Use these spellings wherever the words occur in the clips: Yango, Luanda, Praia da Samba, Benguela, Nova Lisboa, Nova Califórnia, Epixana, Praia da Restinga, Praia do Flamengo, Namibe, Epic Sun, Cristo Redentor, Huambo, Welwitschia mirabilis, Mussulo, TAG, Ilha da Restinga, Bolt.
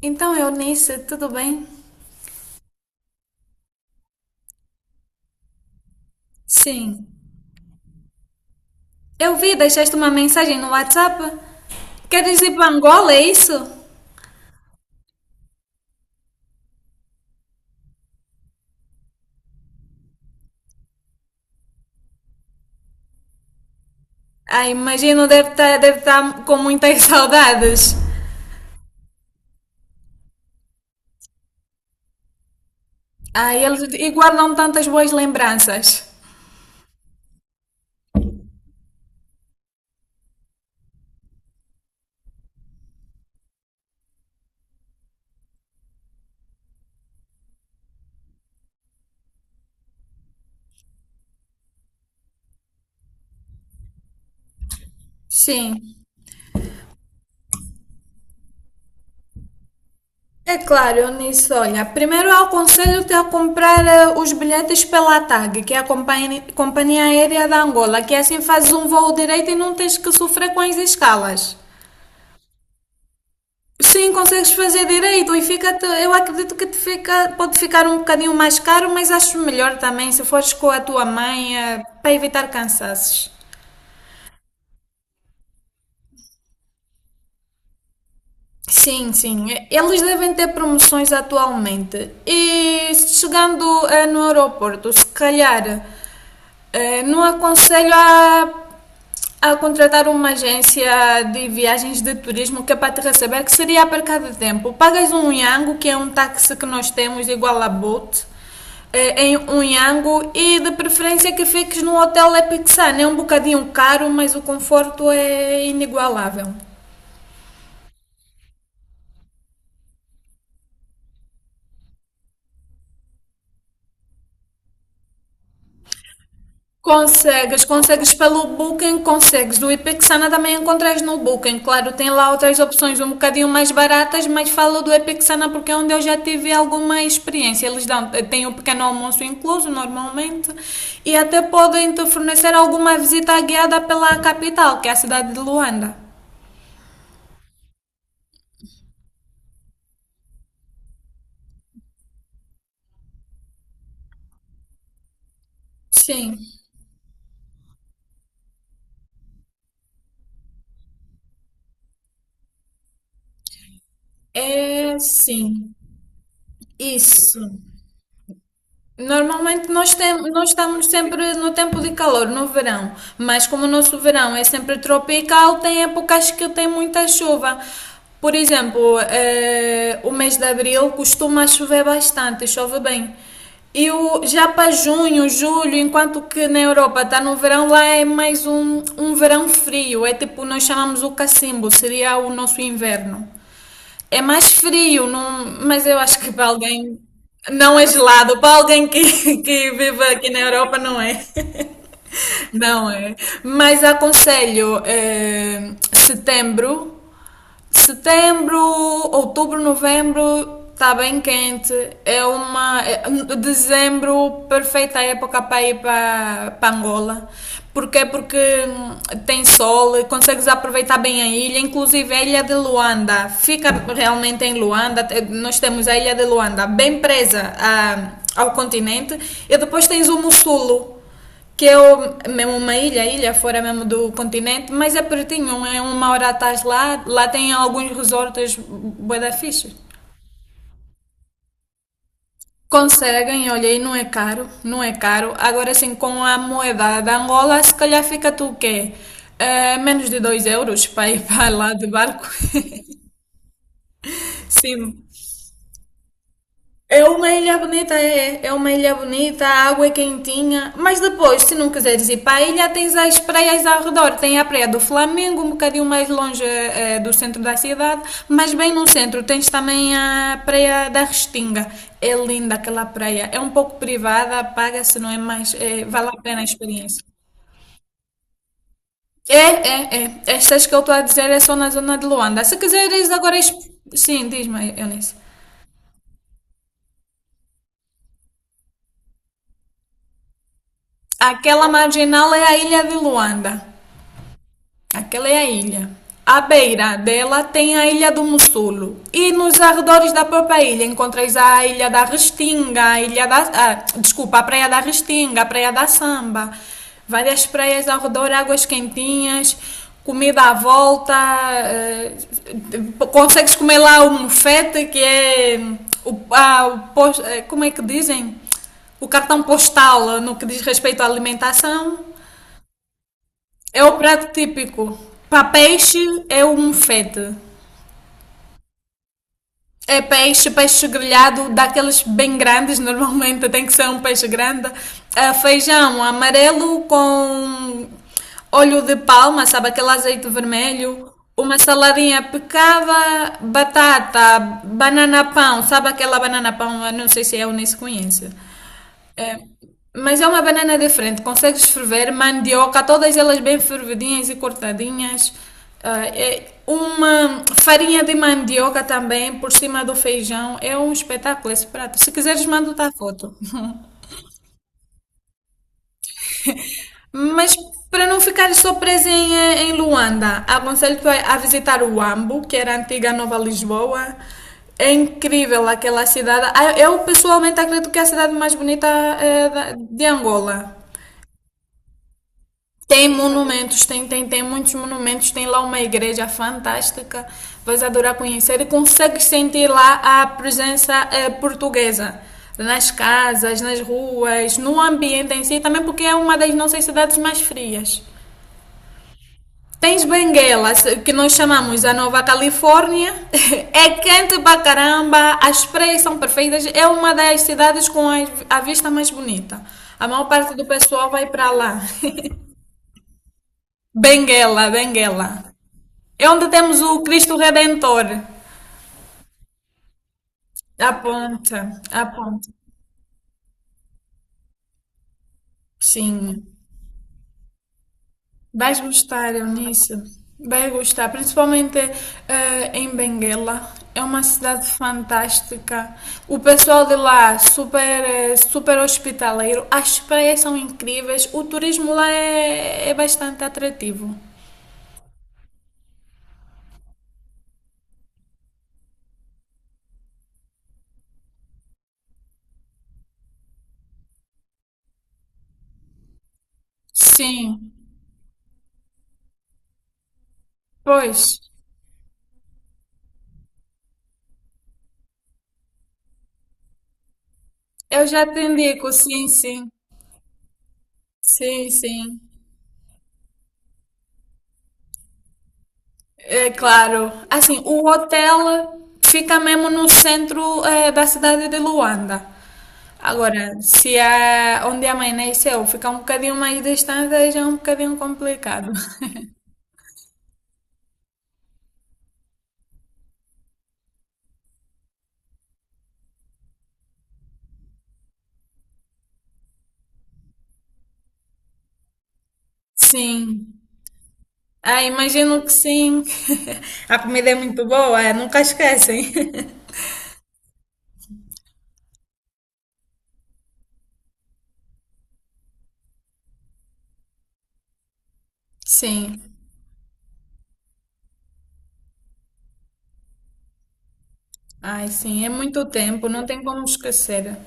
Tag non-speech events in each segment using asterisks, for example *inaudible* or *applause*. Então, Eunice, tudo bem? Sim. Eu vi, deixaste uma mensagem no WhatsApp. Queres ir para Angola, é isso? Ah, imagino, deve estar deve tá com muitas *laughs* saudades. Ah, eles e guardam tantas boas lembranças. Sim. É claro, Eunice, olha, primeiro eu aconselho-te a comprar os bilhetes pela TAG, que é a companhia aérea da Angola, que assim fazes um voo direito e não tens que sofrer com as escalas. Sim, consegues fazer direito e fica, eu acredito que te fica, pode ficar um bocadinho mais caro, mas acho melhor também se fores com a tua mãe, para evitar cansaços. Sim, sim, eles devem ter promoções atualmente. E chegando no aeroporto, se calhar não aconselho a contratar uma agência de viagens de turismo que é para te receber, que seria a cada tempo. Pagas um Yango, que é um táxi que nós temos igual a Bolt, em um Yango e de preferência que fiques no Hotel Epic Sun. É um bocadinho caro, mas o conforto é inigualável. Consegues pelo Booking, consegues. O Epixana também encontras no Booking. Claro, tem lá outras opções um bocadinho mais baratas, mas falo do Epixana porque é onde eu já tive alguma experiência. Eles dão, têm um pequeno almoço incluso normalmente, e até podem te fornecer alguma visita guiada pela capital, que é a cidade de Luanda. Sim, é sim. Isso. Normalmente nós, tem, nós estamos sempre no tempo de calor, no verão, mas como o nosso verão é sempre tropical, tem épocas que tem muita chuva. Por exemplo, o mês de abril costuma chover bastante, chove bem. E o, já para junho, julho, enquanto que na Europa está no verão, lá é mais um, um verão frio, é tipo, nós chamamos o cacimbo, seria o nosso inverno. É mais frio, mas eu acho que para alguém não é gelado, para alguém que, *laughs* que vive aqui na Europa não é. *laughs* Não é. Mas aconselho setembro, outubro, novembro está bem quente. É uma é- Dezembro perfeita época para ir para, para Angola. Porquê? Porque tem sol, consegues aproveitar bem a ilha, inclusive a ilha de Luanda. Fica realmente em Luanda. Nós temos a ilha de Luanda bem presa ao continente, e depois tens o Mussulo, que eu mesmo uma ilha, ilha fora mesmo do continente, mas é pertinho, é uma hora atrás lá, lá tem alguns resorts bué da fixe. Conseguem, olha, e não é caro, não é caro. Agora sim, com a moeda da Angola, se calhar fica tu o quê? Menos de 2 euros para ir *laughs* para lá de barco. *laughs* Sim, é uma ilha bonita, é. É uma ilha bonita, a água é quentinha. Mas depois, se não quiseres ir para a ilha, tens as praias ao redor. Tem a Praia do Flamengo, um bocadinho mais longe do centro da cidade. Mas bem no centro tens também a Praia da Restinga. É linda aquela praia. É um pouco privada, paga-se, não é mais, vale a pena a experiência. É, é, é. Estas que eu estou a dizer é só na zona de Luanda. Se quiseres agora. Sim, diz-me, Eunice. Aquela marginal é a ilha de Luanda. Aquela é a ilha. À beira dela tem a Ilha do Mussulo. E nos arredores da própria ilha encontras a Ilha da Restinga, a Ilha da. Ah, desculpa, a Praia da Restinga, a Praia da Samba. Várias praias ao redor, águas quentinhas, comida à volta. eh, Consegues comer lá o mufete, que é. O, ah, o pos- eh, Como é que dizem? O cartão postal no que diz respeito à alimentação. É o prato típico. Para peixe é o mufete. É peixe, peixe grelhado, daqueles bem grandes, *laughs* normalmente tem que ser um peixe grande. Ah, feijão amarelo com óleo de palma, sabe, aquele azeite vermelho. Uma saladinha picava, batata, banana pão, sabe aquela banana pão? Eu não sei se é ou nem se conhece. Mas é uma banana diferente, consegues ferver mandioca, todas elas bem fervidinhas e cortadinhas. Ah, é uma farinha de mandioca também por cima do feijão. É um espetáculo esse prato. Se quiseres, mando-te a foto. *laughs* Mas para não ficares só presa em, em Luanda, aconselho-te a visitar o Huambo, que era a antiga Nova Lisboa. É incrível aquela cidade. Ah, eu pessoalmente acredito que é a cidade mais bonita de Angola. Tem monumentos, tem muitos monumentos, tem lá uma igreja fantástica, vais adorar conhecer e consegues sentir lá a presença portuguesa nas casas, nas ruas, no ambiente em si, também porque é uma das nossas cidades mais frias. Tens Benguela, que nós chamamos a Nova Califórnia, *laughs* é quente pra caramba, as praias são perfeitas, é uma das cidades com a vista mais bonita. A maior parte do pessoal vai pra lá. *laughs* Benguela. É onde temos o Cristo Redentor. Aponta, aponta. Sim. Vais gostar, Eunice. Vai gostar, principalmente em Benguela. É uma cidade fantástica. O pessoal de lá, super, super hospitaleiro. As praias são incríveis. O turismo lá é, é bastante atrativo. Sim, pois. Eu já te indico, sim, sim. Sim, sim. É claro. Assim, o hotel fica mesmo no centro, da cidade de Luanda. Agora, se é onde amanheceu fica um bocadinho mais distante, aí já é um bocadinho complicado. *laughs* Sim. Ah, imagino que sim. *laughs* A comida é muito boa, nunca esquecem. *laughs* Sim. Ai, sim, é muito tempo, não tem como esquecer.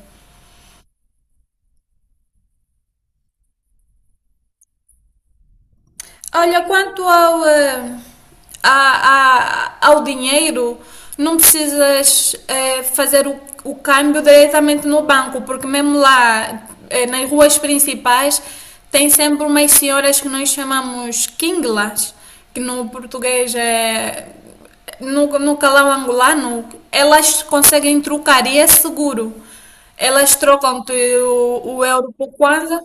Olha, quanto ao, ao dinheiro, não precisas fazer o câmbio diretamente no banco, porque mesmo lá, nas ruas principais, tem sempre umas senhoras que nós chamamos quinglas, que no português é. No calão angolano, elas conseguem trocar e é seguro. Elas trocam-te o euro por kwanza.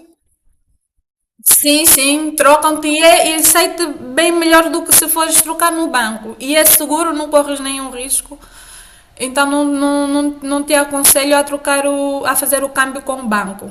Sim, sim, trocam-te e, é, e sai-te bem melhor do que se fores trocar no banco. E é seguro, não corres nenhum risco. Então não te aconselho a trocar o, a fazer o câmbio com o banco.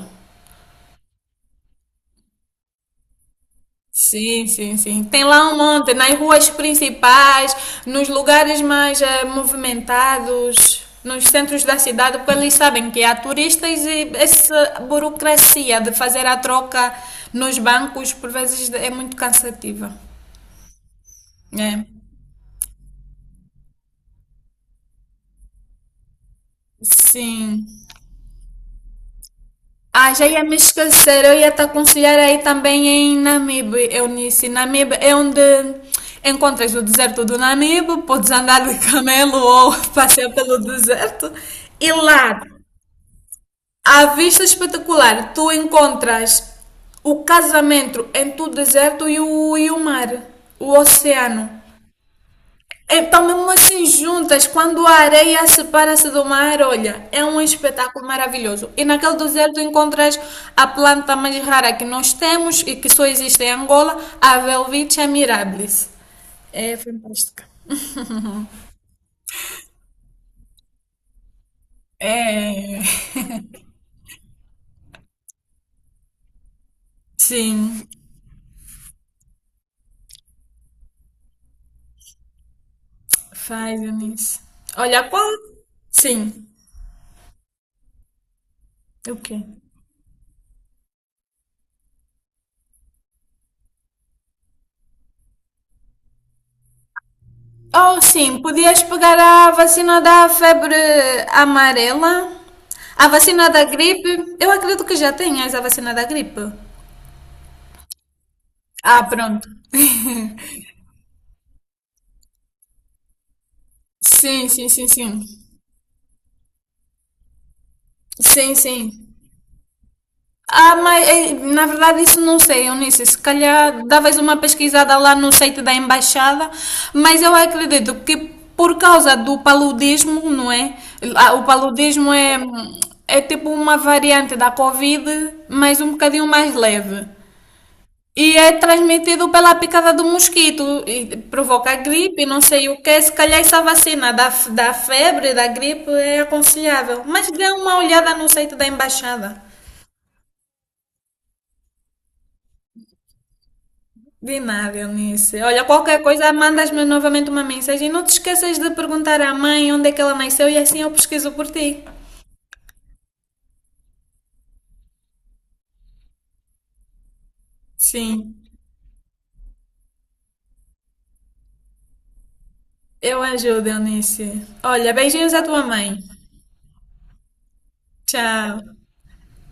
Sim, sim, sim. Tem lá um monte, nas ruas principais, nos lugares mais movimentados, nos centros da cidade, porque eles sabem que há turistas e essa burocracia de fazer a troca nos bancos por vezes é muito cansativa. É. Sim. Ah, já ia me esquecer. Eu ia te aconselhar aí também em Namibe, Eunice. Namibe é onde encontras o deserto do Namibe, podes andar de camelo ou *laughs* passear pelo deserto. E lá, à vista espetacular, tu encontras o casamento entre o deserto e o mar, o oceano. Estão mesmo assim juntas, quando a areia separa-se do mar, olha, é um espetáculo maravilhoso. E naquele deserto encontras a planta mais rara que nós temos e que só existe em Angola, a Welwitschia mirabilis. É fantástica. É, sim, faz isso. Olha, qual? Sim. O quê? Oh, sim, podias pegar a vacina da febre amarela, a vacina da gripe. Eu acredito que já tenhas a vacina da gripe. Ah, pronto. Sim, sim, sim, sim. Sim, sim. Ah, mas na verdade isso não sei, Eunice. Se calhar davas uma pesquisada lá no site da embaixada, mas eu acredito que por causa do paludismo, não é? Ah, o paludismo é, é tipo uma variante da Covid, mas um bocadinho mais leve. E é transmitido pela picada do mosquito e provoca gripe, não sei o que. Se calhar essa vacina da, da febre, da gripe, é aconselhável. Mas dê uma olhada no site da embaixada. De nada, Eunice. Olha, qualquer coisa, mandas-me novamente uma mensagem. Não te esqueças de perguntar à mãe onde é que ela nasceu e assim eu pesquiso por ti. Sim, eu ajudo, Eunice. Olha, beijinhos à tua mãe. Tchau.